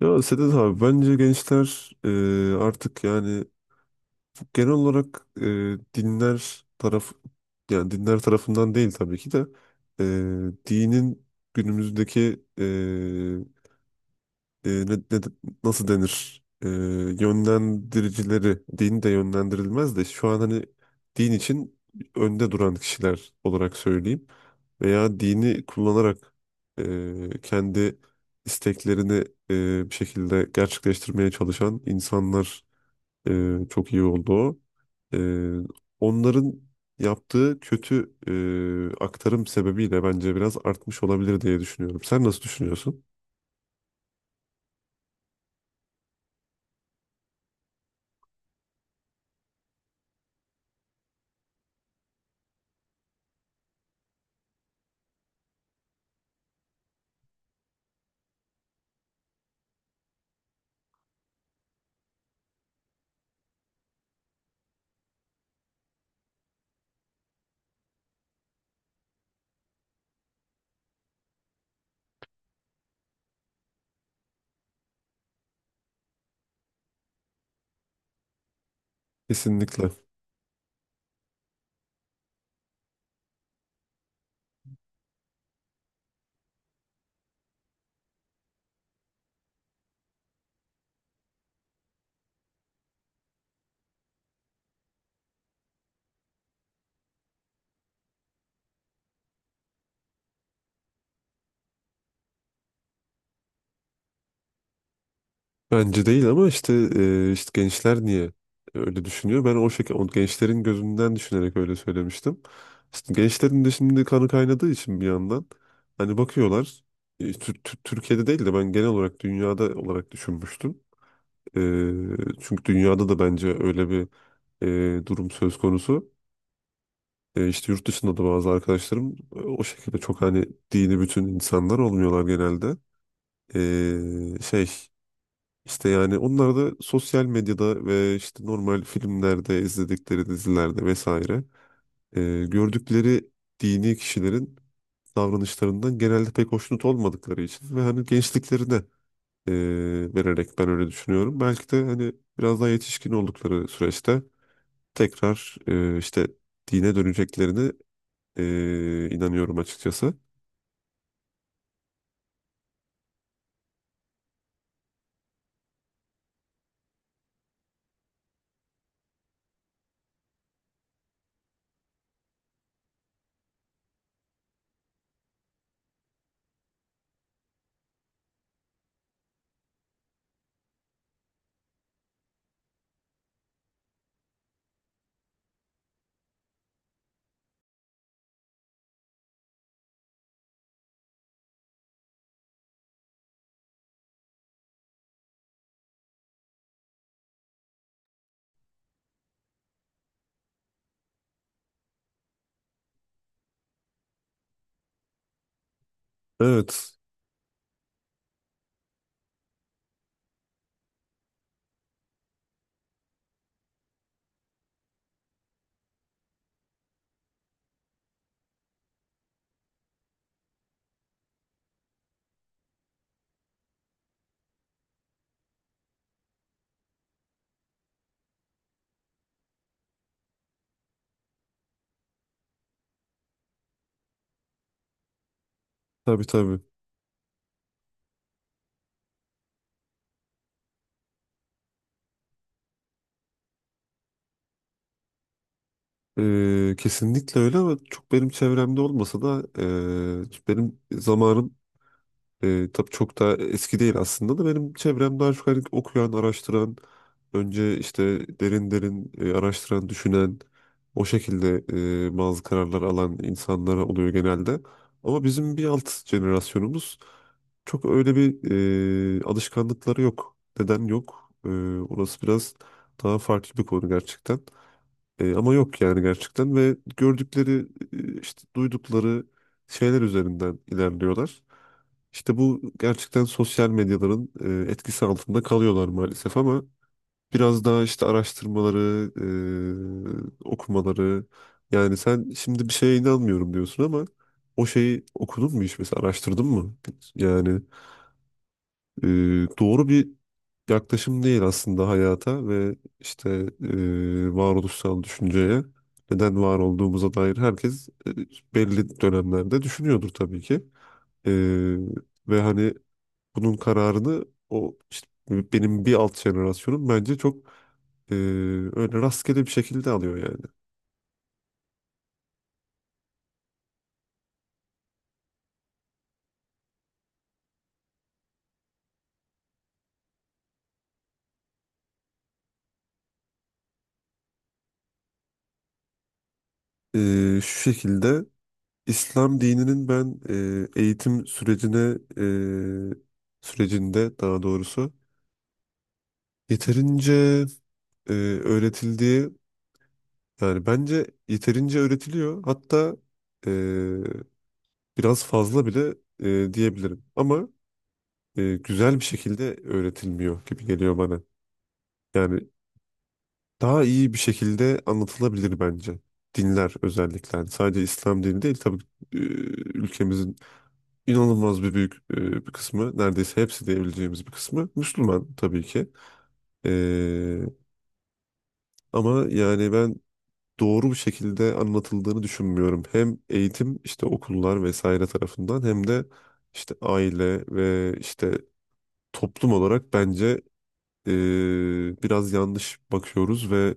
Ya Sedat abi bence gençler artık genel olarak dinler taraf yani dinler tarafından değil tabii ki de dinin günümüzdeki e, e, ne- ne- nasıl denir. Yönlendiricileri din de yönlendirilmez de şu an hani din için önde duran kişiler olarak söyleyeyim veya dini kullanarak kendi isteklerini bir şekilde gerçekleştirmeye çalışan insanlar çok iyi oldu o. E, Onların yaptığı kötü aktarım sebebiyle bence biraz artmış olabilir diye düşünüyorum. Sen nasıl düşünüyorsun? Kesinlikle. Bence değil ama işte gençler niye öyle düşünüyor? Ben o şekilde o gençlerin gözünden düşünerek öyle söylemiştim. İşte gençlerin de şimdi kanı kaynadığı için bir yandan hani bakıyorlar, Türkiye'de değil de ben genel olarak dünyada olarak düşünmüştüm. E, Çünkü dünyada da bence öyle bir durum söz konusu. İşte yurt dışında da bazı arkadaşlarım o şekilde çok hani dini bütün insanlar olmuyorlar genelde. E, şey işte yani onlar da sosyal medyada ve işte normal filmlerde, izledikleri dizilerde vesaire e, gördükleri dini kişilerin davranışlarından genelde pek hoşnut olmadıkları için ve hani gençliklerine e, vererek ben öyle düşünüyorum. Belki de hani biraz daha yetişkin oldukları süreçte tekrar, işte dine döneceklerini inanıyorum açıkçası. Evet, tabii tabii. Kesinlikle öyle ama çok benim çevremde olmasa da benim zamanım. Tabii çok da eski değil aslında da benim çevremde daha çok hani okuyan, araştıran, önce işte derin derin araştıran, düşünen, o şekilde bazı kararlar alan insanlar oluyor genelde. Ama bizim bir alt jenerasyonumuz çok öyle bir alışkanlıkları yok. Neden yok? Orası biraz daha farklı bir konu gerçekten. Ama yok yani gerçekten, ve gördükleri, işte duydukları şeyler üzerinden ilerliyorlar. İşte bu gerçekten sosyal medyaların etkisi altında kalıyorlar maalesef ama biraz daha işte araştırmaları, okumaları. Yani sen şimdi bir şeye inanmıyorum diyorsun ama o şeyi okudun mu hiç mesela, araştırdın mı? Yani e, doğru bir yaklaşım değil aslında hayata ve varoluşsal düşünceye, neden var olduğumuza dair herkes belli dönemlerde düşünüyordur tabii ki. E, Ve hani bunun kararını o işte benim bir alt jenerasyonum bence çok e, öyle rastgele bir şekilde alıyor yani. Şu şekilde, İslam dininin ben e, eğitim sürecine sürecinde, daha doğrusu, yeterince e, öğretildiği yani bence yeterince öğretiliyor. Hatta biraz fazla bile diyebilirim. Ama güzel bir şekilde öğretilmiyor gibi geliyor bana. Yani daha iyi bir şekilde anlatılabilir bence. Dinler özellikle. Yani sadece İslam dini değil tabii. e, Ülkemizin inanılmaz büyük bir kısmı, neredeyse hepsi diyebileceğimiz bir kısmı Müslüman tabii ki. E, Ama yani ben doğru bir şekilde anlatıldığını düşünmüyorum. Hem eğitim, işte okullar vesaire tarafından, hem de işte aile ve işte toplum olarak bence biraz yanlış bakıyoruz ve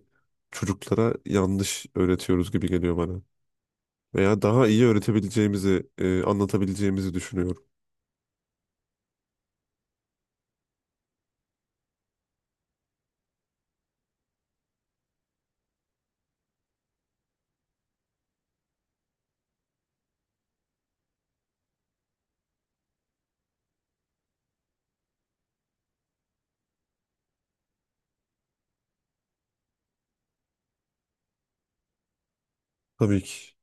çocuklara yanlış öğretiyoruz gibi geliyor bana. Veya daha iyi öğretebileceğimizi, anlatabileceğimizi düşünüyorum. Tabii ki.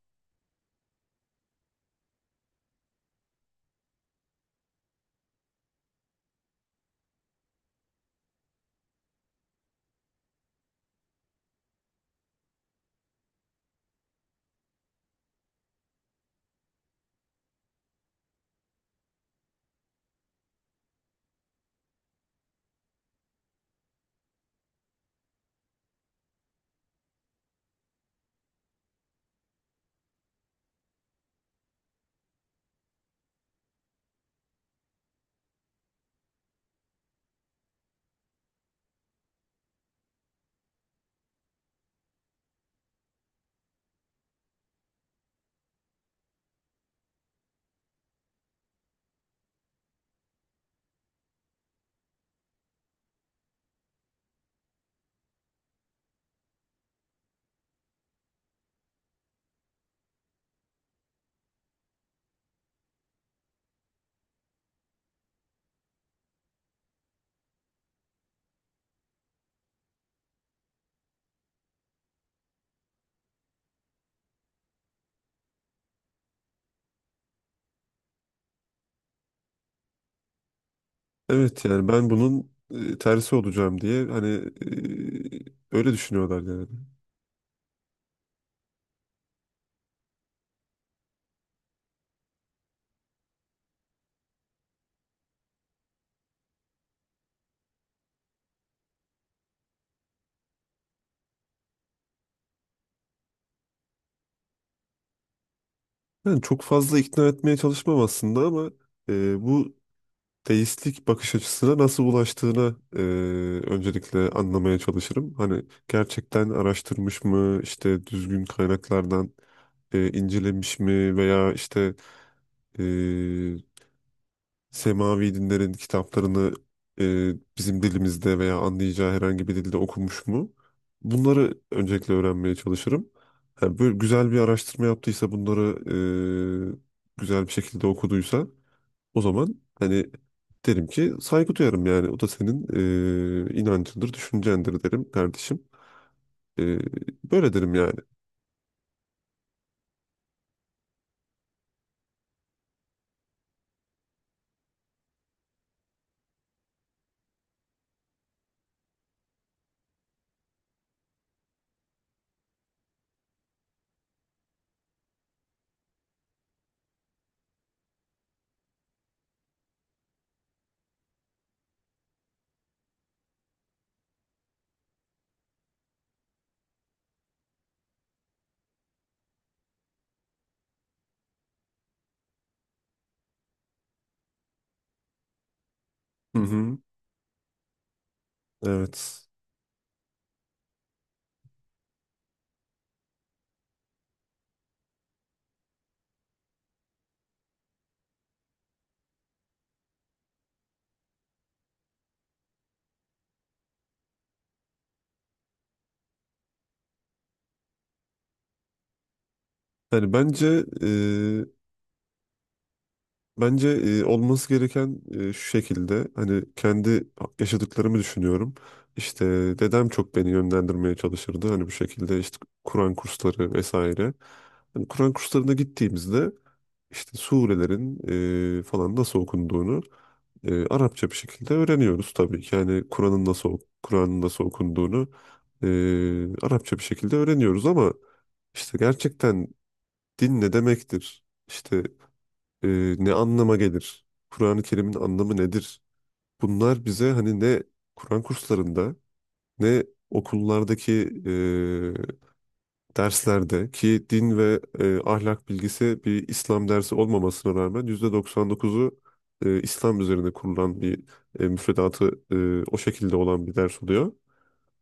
Evet, yani ben bunun tersi olacağım diye hani e, öyle düşünüyorlar yani. Yani çok fazla ikna etmeye çalışmam aslında ama bu deistlik bakış açısına nasıl ulaştığını öncelikle anlamaya çalışırım. Hani gerçekten araştırmış mı, işte düzgün kaynaklardan incelemiş mi, veya e, semavi dinlerin kitaplarını bizim dilimizde veya anlayacağı herhangi bir dilde okumuş mu? Bunları öncelikle öğrenmeye çalışırım. Ha, böyle güzel bir araştırma yaptıysa, bunları güzel bir şekilde okuduysa, o zaman hani derim ki saygı duyarım yani. O da senin inancındır, düşüncendir derim kardeşim. E, Böyle derim yani. Hı hı. Evet. Yani bence e, bence olması gereken şu şekilde. Hani kendi yaşadıklarımı düşünüyorum. İşte dedem çok beni yönlendirmeye çalışırdı. Hani bu şekilde, işte Kur'an kursları vesaire. Hani Kur'an kurslarına gittiğimizde işte surelerin falan nasıl okunduğunu Arapça bir şekilde öğreniyoruz tabii ki. Yani Kur'an'ın nasıl okunduğunu e, Arapça bir şekilde öğreniyoruz ama işte gerçekten din ne demektir? İşte e, ne anlama gelir? Kur'an-ı Kerim'in anlamı nedir? Bunlar bize hani ne Kur'an kurslarında, ne okullardaki e, derslerde, ki din ve ahlak bilgisi bir İslam dersi olmamasına rağmen %99'u İslam üzerine kurulan bir müfredatı o şekilde olan bir ders oluyor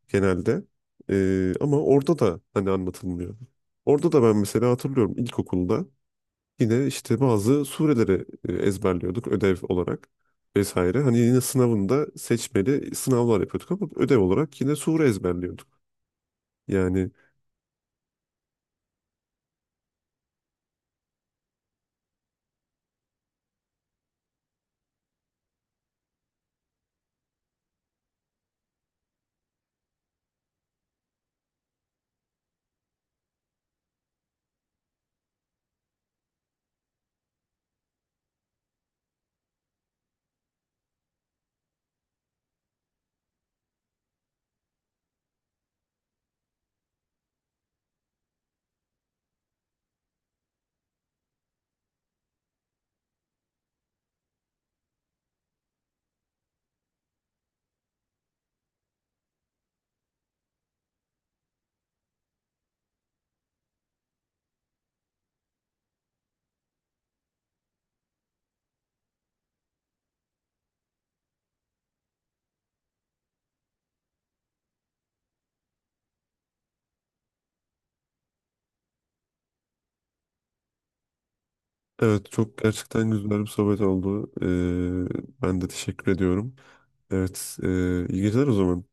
genelde. Ama orada da hani anlatılmıyor. Orada da ben mesela hatırlıyorum, ilkokulda yine işte bazı sureleri ezberliyorduk ödev olarak vesaire. Hani yine sınavında seçmeli sınavlar yapıyorduk ama ödev olarak yine sure ezberliyorduk. Yani evet, çok gerçekten güzel bir sohbet oldu. Ben de teşekkür ediyorum. Evet, iyi geceler o zaman.